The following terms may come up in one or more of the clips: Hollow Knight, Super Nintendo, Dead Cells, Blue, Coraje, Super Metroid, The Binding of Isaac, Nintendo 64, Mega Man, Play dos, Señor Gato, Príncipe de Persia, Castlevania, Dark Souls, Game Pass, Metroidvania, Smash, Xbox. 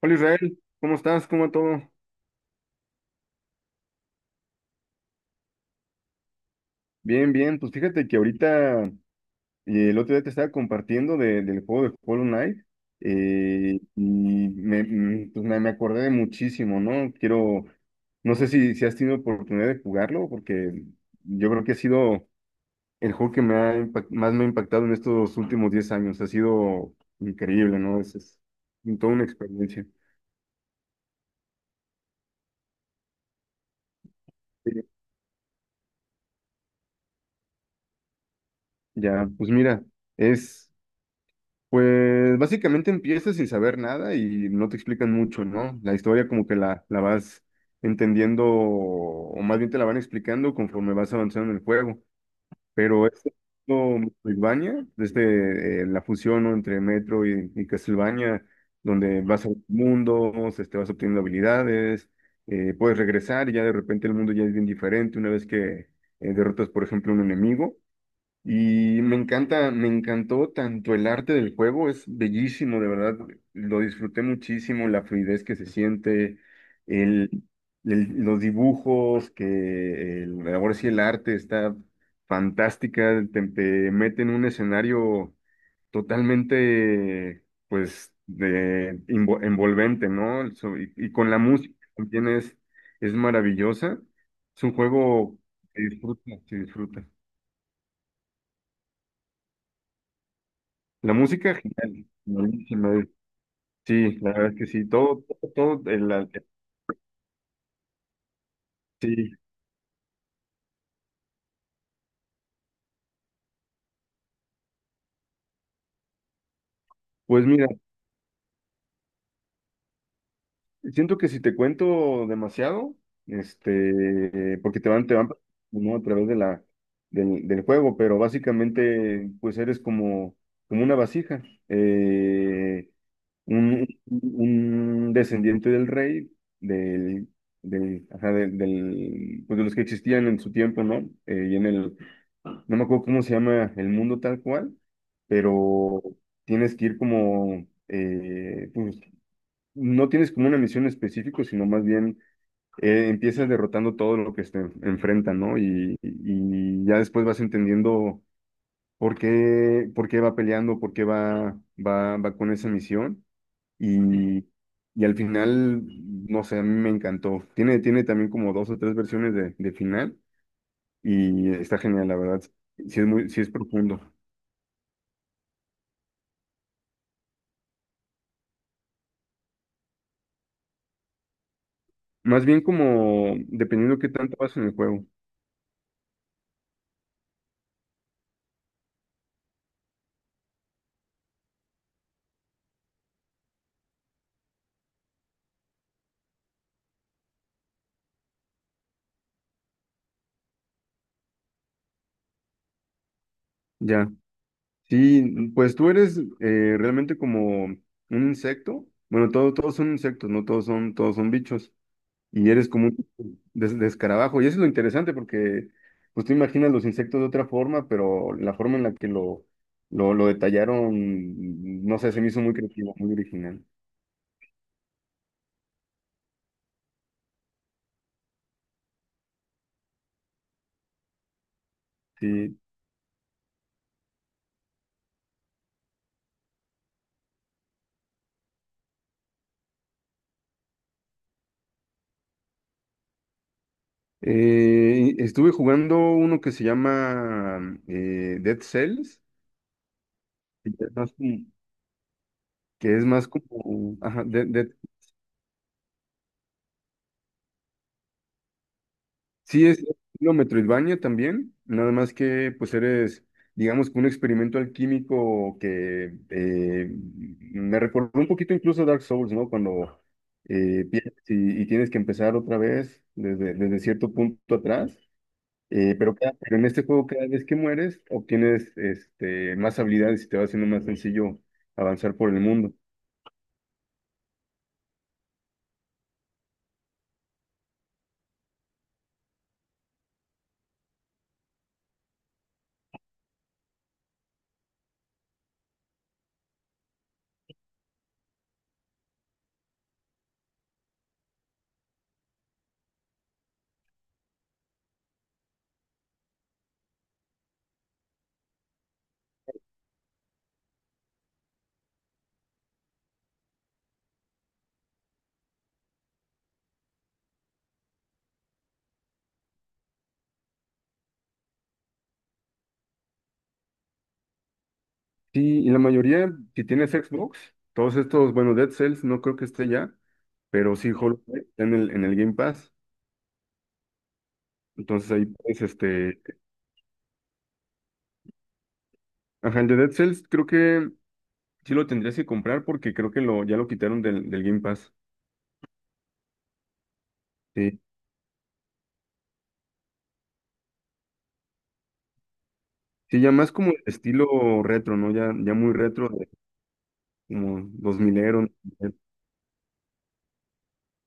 Hola Israel, ¿cómo estás? ¿Cómo va todo? Bien, bien. Pues fíjate que ahorita el otro día te estaba compartiendo del juego de Hollow Knight. Y me, mm, pues, me acordé de muchísimo, ¿no? No sé si has tenido oportunidad de jugarlo, porque yo creo que ha sido el juego que más me ha impactado en estos últimos 10 años. Ha sido increíble, ¿no? Es toda una experiencia. Sí. Ya, pues mira, es... pues básicamente empiezas sin saber nada y no te explican mucho, ¿no? La historia como que la vas entendiendo, o más bien te la van explicando conforme vas avanzando en el juego. Pero este mundo Metroidvania, desde la fusión, ¿no?, entre Metro y Castlevania, donde vas a mundos, este, vas obteniendo habilidades, puedes regresar y ya de repente el mundo ya es bien diferente una vez que derrotas, por ejemplo, un enemigo. Y me encanta, me encantó tanto el arte del juego, es bellísimo, de verdad, lo disfruté muchísimo, la fluidez que se siente, el, los dibujos, ahora sí el arte está fantástica, te mete en un escenario totalmente, pues, envolvente, ¿no? Y, y con la música también es maravillosa, es un juego se disfruta. La música, genial, buenísima. Sí, la verdad es que sí, todo, todo, todo el, al- sí. Pues mira, siento que si te cuento demasiado, este, porque ¿no?, a través de del juego, pero básicamente, pues eres como, como una vasija. Eh, un descendiente del rey, del, del, ajá, del, del- pues de los que existían en su tiempo, ¿no? Eh, y en el, no me acuerdo cómo se llama el mundo tal cual, pero tienes que ir como, pues, no tienes como una misión específica, sino más bien empiezas derrotando todo lo que se enfrenta, ¿no? Y ya después vas entendiendo por qué va peleando, por qué va, va, va con esa misión. Y, y al final, no sé, a mí me encantó. Tiene, tiene también como dos o tres versiones de final y está genial, la verdad. Sí es muy, sí es profundo. Más bien como dependiendo qué tanto vas en el juego. Ya. Sí, pues tú eres realmente como un insecto. Bueno, todos son insectos, no todos son, todos son bichos. Y eres como un des- de, y eso es lo interesante porque, pues tú imaginas los insectos de otra forma, pero la forma en la que lo detallaron, no sé, se me hizo muy creativo, muy original. Sí. Estuve jugando uno que se llama Dead Cells, que es más como, que es más ajá, Dead. Sí, es lo Metroidvania también, nada más que pues eres, digamos, que un experimento alquímico que me recordó un poquito incluso a Dark Souls, ¿no? Cuando pierdes y tienes que empezar otra vez desde, desde cierto punto atrás, pero en este juego cada vez que mueres obtienes, este, más habilidades y te va haciendo más sencillo avanzar por el mundo. Sí, y la mayoría, si tienes Xbox, todos estos, bueno, Dead Cells no creo que esté ya. Pero sí, Hollow Knight está en el Game Pass. Entonces ahí puedes, este. Ajá, el de Dead Cells creo que sí lo tendrías que comprar, porque creo que lo, ya lo quitaron del Game Pass. Sí. Sí, ya más como estilo retro, ¿no? Ya, ya muy retro, de como dos ero.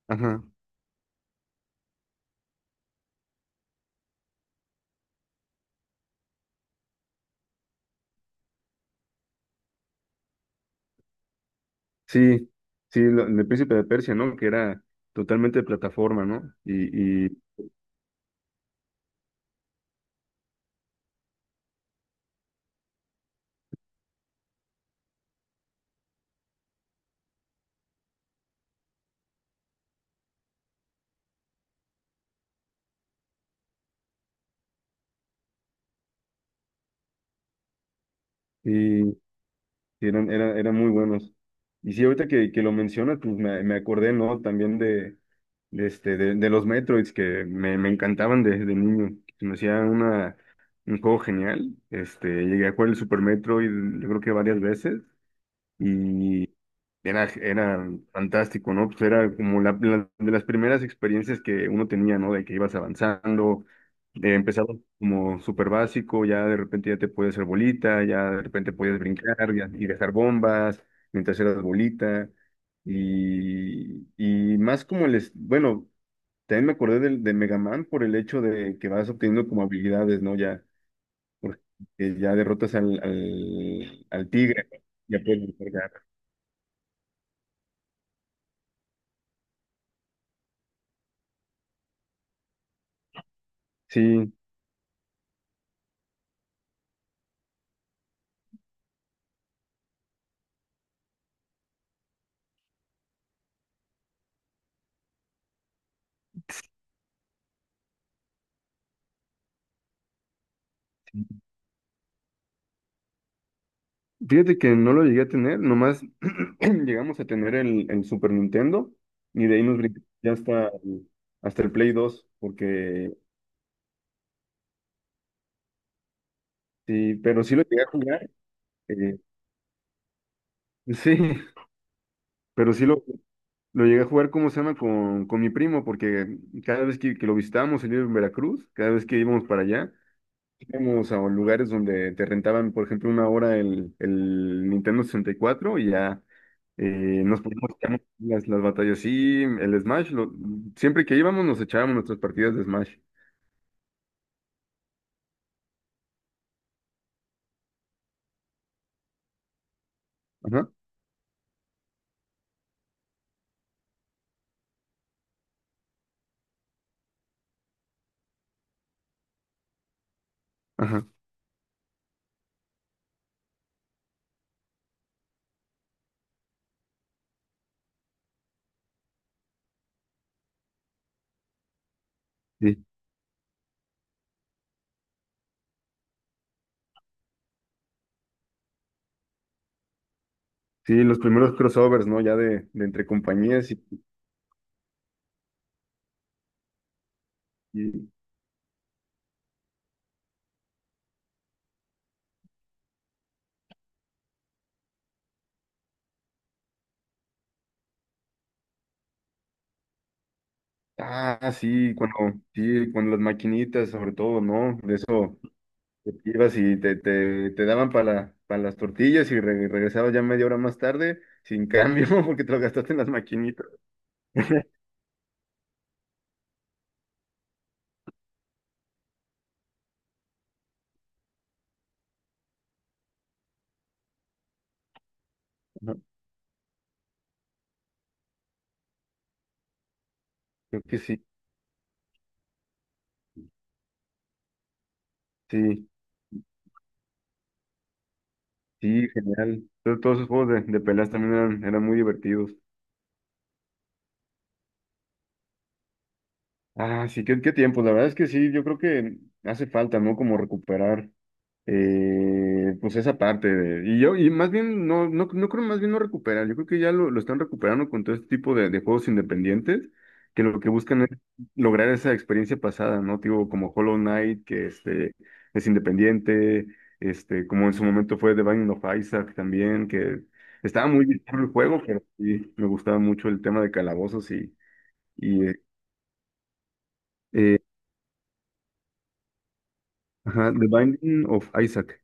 Ajá. Sí, sí, el de Príncipe de Persia, ¿no? Que era totalmente de plataforma, ¿no? Y, sí, eran, eran, eran muy buenos. Y sí, ahorita que lo mencionas, pues me acordé, ¿no? También de los Metroids que me encantaban desde niño. Se me hacía una, un juego genial. Este, llegué a jugar el Super Metroid, yo creo que varias veces. Y, era, era fantástico, ¿no? Pues era como de las primeras experiencias que uno tenía, ¿no? De que ibas avanzando, empezaba como súper básico, ya de repente ya te podías hacer bolita, ya de repente podías brincar y dejar bombas mientras eras bolita. Y más como bueno, también me acordé del, de Mega Man, por el hecho de que vas obteniendo como habilidades, ¿no? Ya, porque ya derrotas al tigre, ¿no? Ya puedes cargar. Sí. Fíjate que no lo llegué a tener, nomás llegamos a tener el Super Nintendo y de ahí nos brincamos ya hasta, hasta el Play dos, porque sí, pero sí lo llegué a jugar, eh, sí, pero sí lo llegué a jugar. ¿Cómo se llama? Con mi primo, porque cada vez que lo visitábamos, él vive en Veracruz, cada vez que íbamos para allá, íbamos a lugares donde te rentaban, por ejemplo, una hora el Nintendo 64 y cuatro, y ya nos poníamos a echar las batallas. Sí, el Smash, siempre que íbamos nos echábamos nuestras partidas de Smash. Ajá, ajá, sí. Sí, los primeros crossovers, ¿no? Ya de entre compañías y- ah, sí, cuando las maquinitas, sobre todo, ¿no? De eso. Te ibas y te daban para las tortillas y regresabas ya media hora más tarde sin cambio porque te lo gastaste en las maquinitas. Ajá. Creo que sí, sí, sí, genial. Entonces, todos esos juegos de peleas también eran, eran muy divertidos. Ah, sí, qué, qué tiempo. La verdad es que sí, yo creo que hace falta, ¿no? Como recuperar pues esa parte y yo, y más bien, no, no, no creo, más bien no recuperar, yo creo que ya lo están recuperando con todo este tipo de juegos independientes, que lo que buscan es lograr esa experiencia pasada, ¿no? Tipo, como Hollow Knight, que, este, es independiente, este, como en su momento fue The Binding of Isaac también, que estaba muy bien el juego, pero sí, me gustaba mucho el tema de calabozos y eh, ajá, The Binding of Isaac,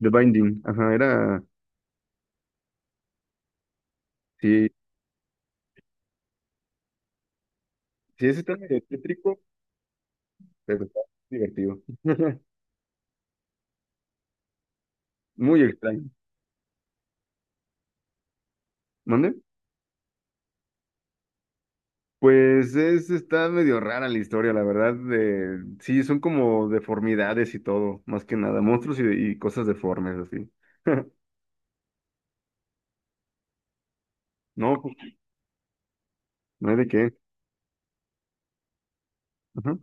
Era, sí. Sí, ese está medio tétrico, pero está divertido. Muy extraño. ¿Mande? Pues es, está medio rara la historia, la verdad. De, sí, son como deformidades y todo, más que nada, monstruos y cosas deformes, así. No, pues, no hay de qué. Ajá.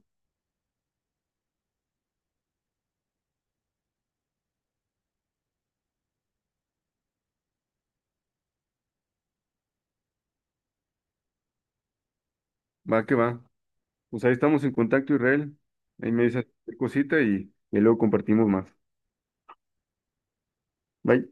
Va que va. Pues ahí estamos en contacto, Israel. Ahí me dices cualquier cosita y luego compartimos más. Bye.